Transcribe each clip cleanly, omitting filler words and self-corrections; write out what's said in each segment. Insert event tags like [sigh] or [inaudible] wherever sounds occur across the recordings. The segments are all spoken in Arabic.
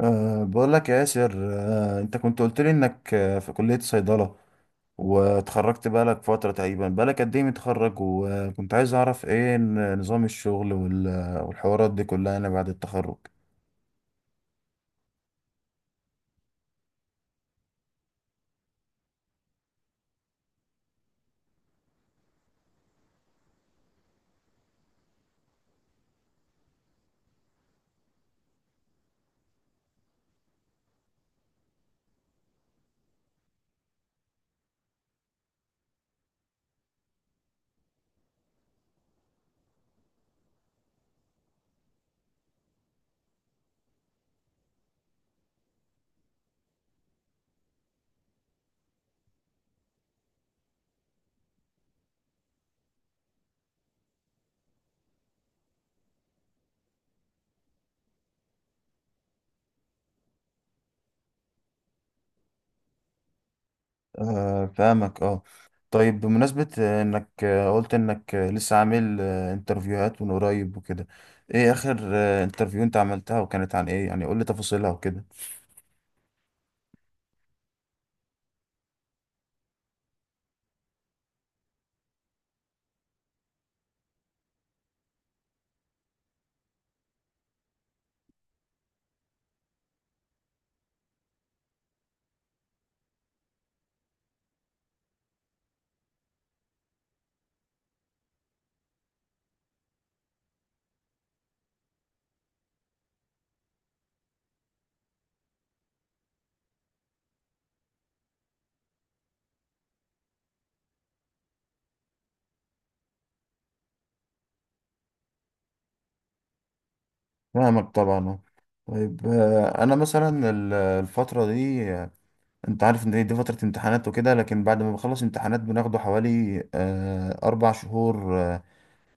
أه، بقول لك يا ياسر. أه، انت كنت قلت لي انك في كلية صيدلة واتخرجت بقالك فترة تقريبا. بقالك قد ايه متخرج؟ وكنت عايز اعرف ايه نظام الشغل والحوارات دي كلها انا بعد التخرج. أه، فاهمك، اه. طيب، بمناسبة انك قلت انك لسه عامل انترفيوهات من قريب وكده، ايه اخر انترفيو انت عملتها وكانت عن ايه؟ يعني قول لي تفاصيلها وكده. فاهمك طبعا، آه. طيب، انا مثلا الفترة دي، انت عارف ان دي فترة امتحانات وكده، لكن بعد ما بخلص امتحانات بناخده حوالي اربع شهور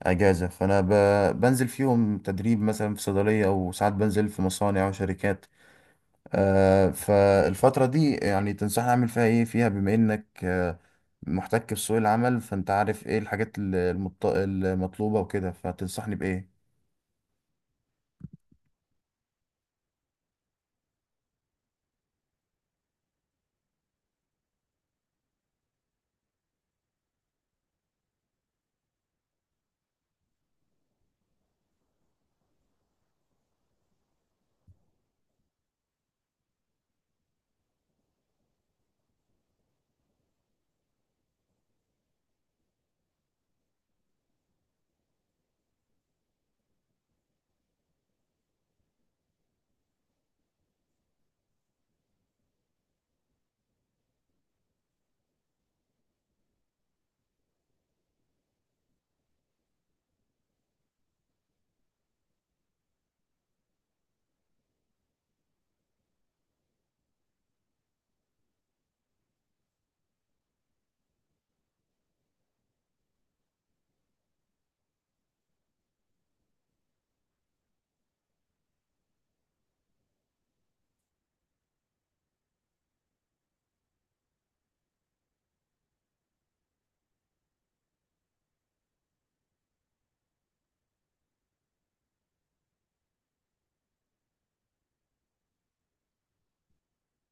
اجازة. فانا بنزل فيهم تدريب مثلا في صيدلية، او ساعات بنزل في مصانع وشركات. فالفترة دي يعني تنصحني اعمل فيها ايه فيها؟ بما انك محتك في سوق العمل، فانت عارف ايه الحاجات المطلوبة وكده، فتنصحني بايه؟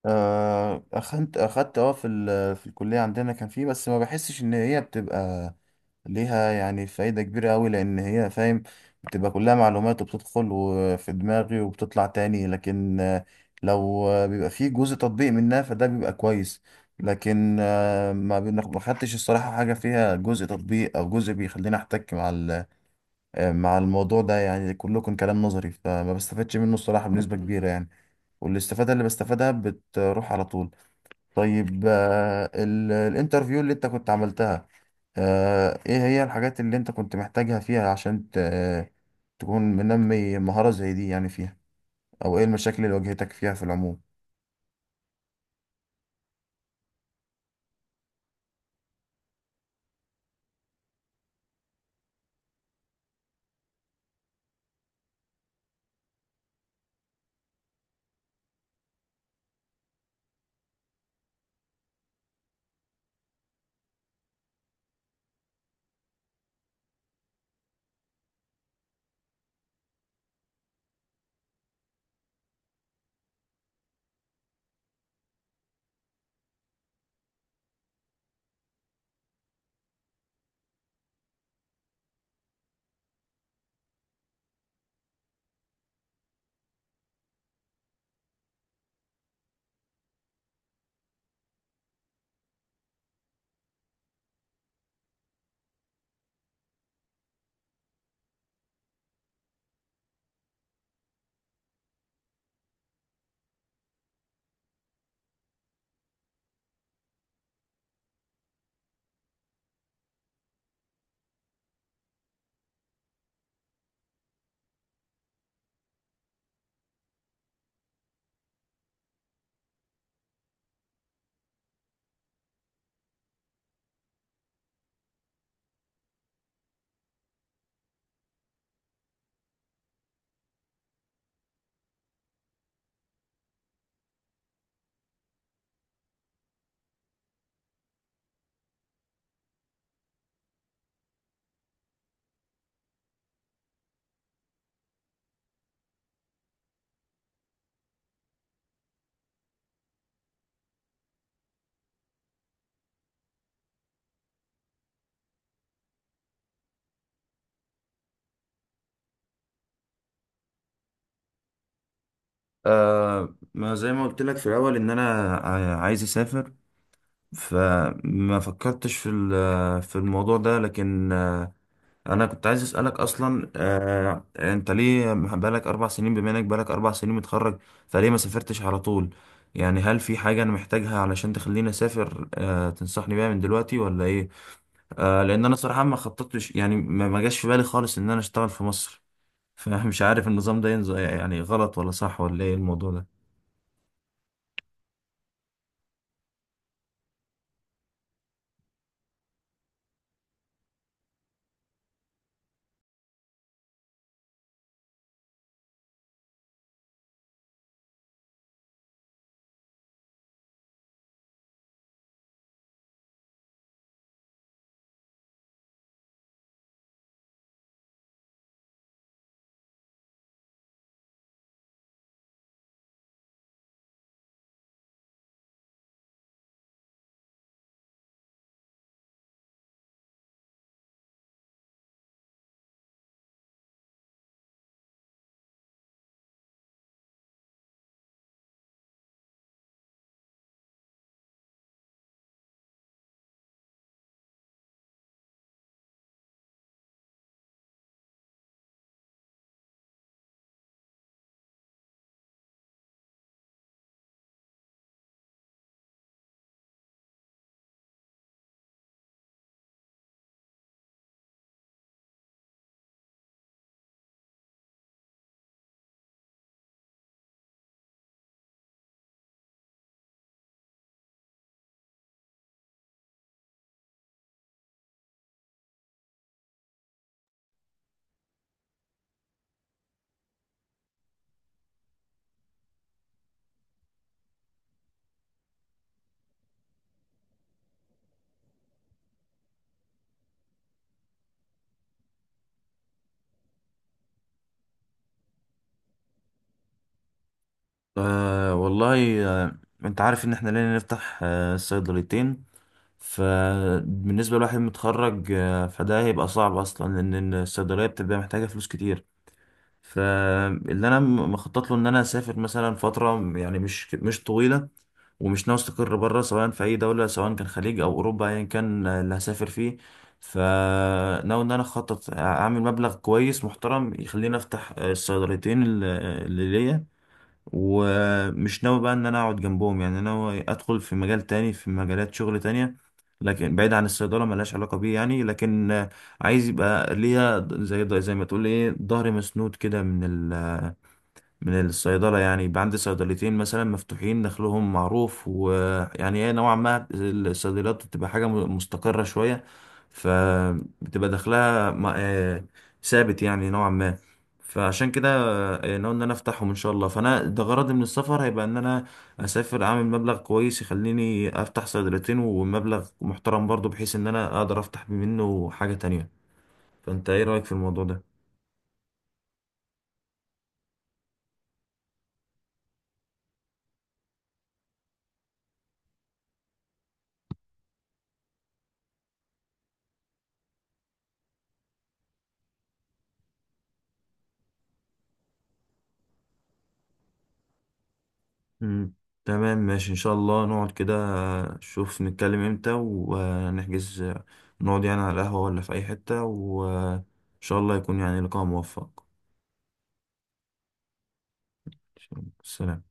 أخدت في في الكلية عندنا كان فيه، بس ما بحسش إن هي بتبقى ليها يعني فايدة كبيرة أوي، لأن هي، فاهم، بتبقى كلها معلومات وبتدخل وفي دماغي وبتطلع تاني. لكن لو بيبقى فيه جزء تطبيق منها فده بيبقى كويس، لكن ما خدتش الصراحة حاجة فيها جزء تطبيق أو جزء بيخليني أحتك مع مع الموضوع ده. يعني كله كان كلام نظري، فما بستفادش منه الصراحة بنسبة كبيرة يعني، والاستفادة اللي بستفادها بتروح على طول. طيب، الانترفيو اللي انت كنت عملتها، ايه هي الحاجات اللي انت كنت محتاجها فيها عشان تكون منمي مهارة زي دي يعني فيها؟ او ايه المشاكل اللي واجهتك فيها في العموم؟ آه، ما زي ما قلت لك في الاول ان انا عايز اسافر، فما فكرتش في في الموضوع ده، لكن انا كنت عايز اسالك اصلا، انت ليه بقالك اربع سنين؟ بما انك بقالك اربع سنين متخرج فليه ما سافرتش على طول؟ يعني هل في حاجه انا محتاجها علشان تخليني اسافر تنصحني بيها من دلوقتي، ولا ايه؟ لان انا صراحه ما خططتش، يعني ما جاش في بالي خالص ان انا اشتغل في مصر. [laughs] فمش عارف النظام ده ينزل يعني غلط ولا صح، ولا ايه الموضوع ده؟ آه والله. انت عارف ان احنا لينا نفتح صيدليتين، فبالنسبة لواحد متخرج فده هيبقى صعب أصلا، لأن الصيدلية بتبقى محتاجة فلوس كتير. فاللي أنا مخطط له إن أنا أسافر مثلا فترة، يعني مش طويلة، ومش ناوي أستقر بره، سواء في أي دولة، سواء كان خليج أو أوروبا، أيا كان اللي هسافر فيه. فناوي إن أنا أخطط أعمل مبلغ كويس محترم يخليني أفتح الصيدليتين اللي ليا. ومش ناوي بقى ان انا اقعد جنبهم، يعني ناوي ادخل في مجال تاني، في مجالات شغل تانية، لكن بعيد عن الصيدلة ملهاش علاقة بيه يعني. لكن عايز يبقى ليا، زي ما تقول ايه، ظهري مسنود كده من ال من الصيدلة. يعني يبقى عندي صيدليتين مثلا مفتوحين دخلهم معروف، ويعني ايه، نوعا ما الصيدليات بتبقى حاجة مستقرة شوية، فبتبقى دخلها ثابت يعني نوعا ما. فعشان كده ناوي ان انا افتحهم ان شاء الله. فانا ده غرضي من السفر، هيبقى ان انا اسافر اعمل مبلغ كويس يخليني افتح صيدليتين، ومبلغ محترم برضو بحيث ان انا اقدر افتح منه حاجة تانية. فانت ايه رأيك في الموضوع ده؟ مم. تمام، ماشي ان شاء الله نقعد كده نشوف، نتكلم امتى ونحجز، نقعد يعني على القهوة ولا في اي حتة، وان شاء الله يكون يعني لقاء موفق. سلام.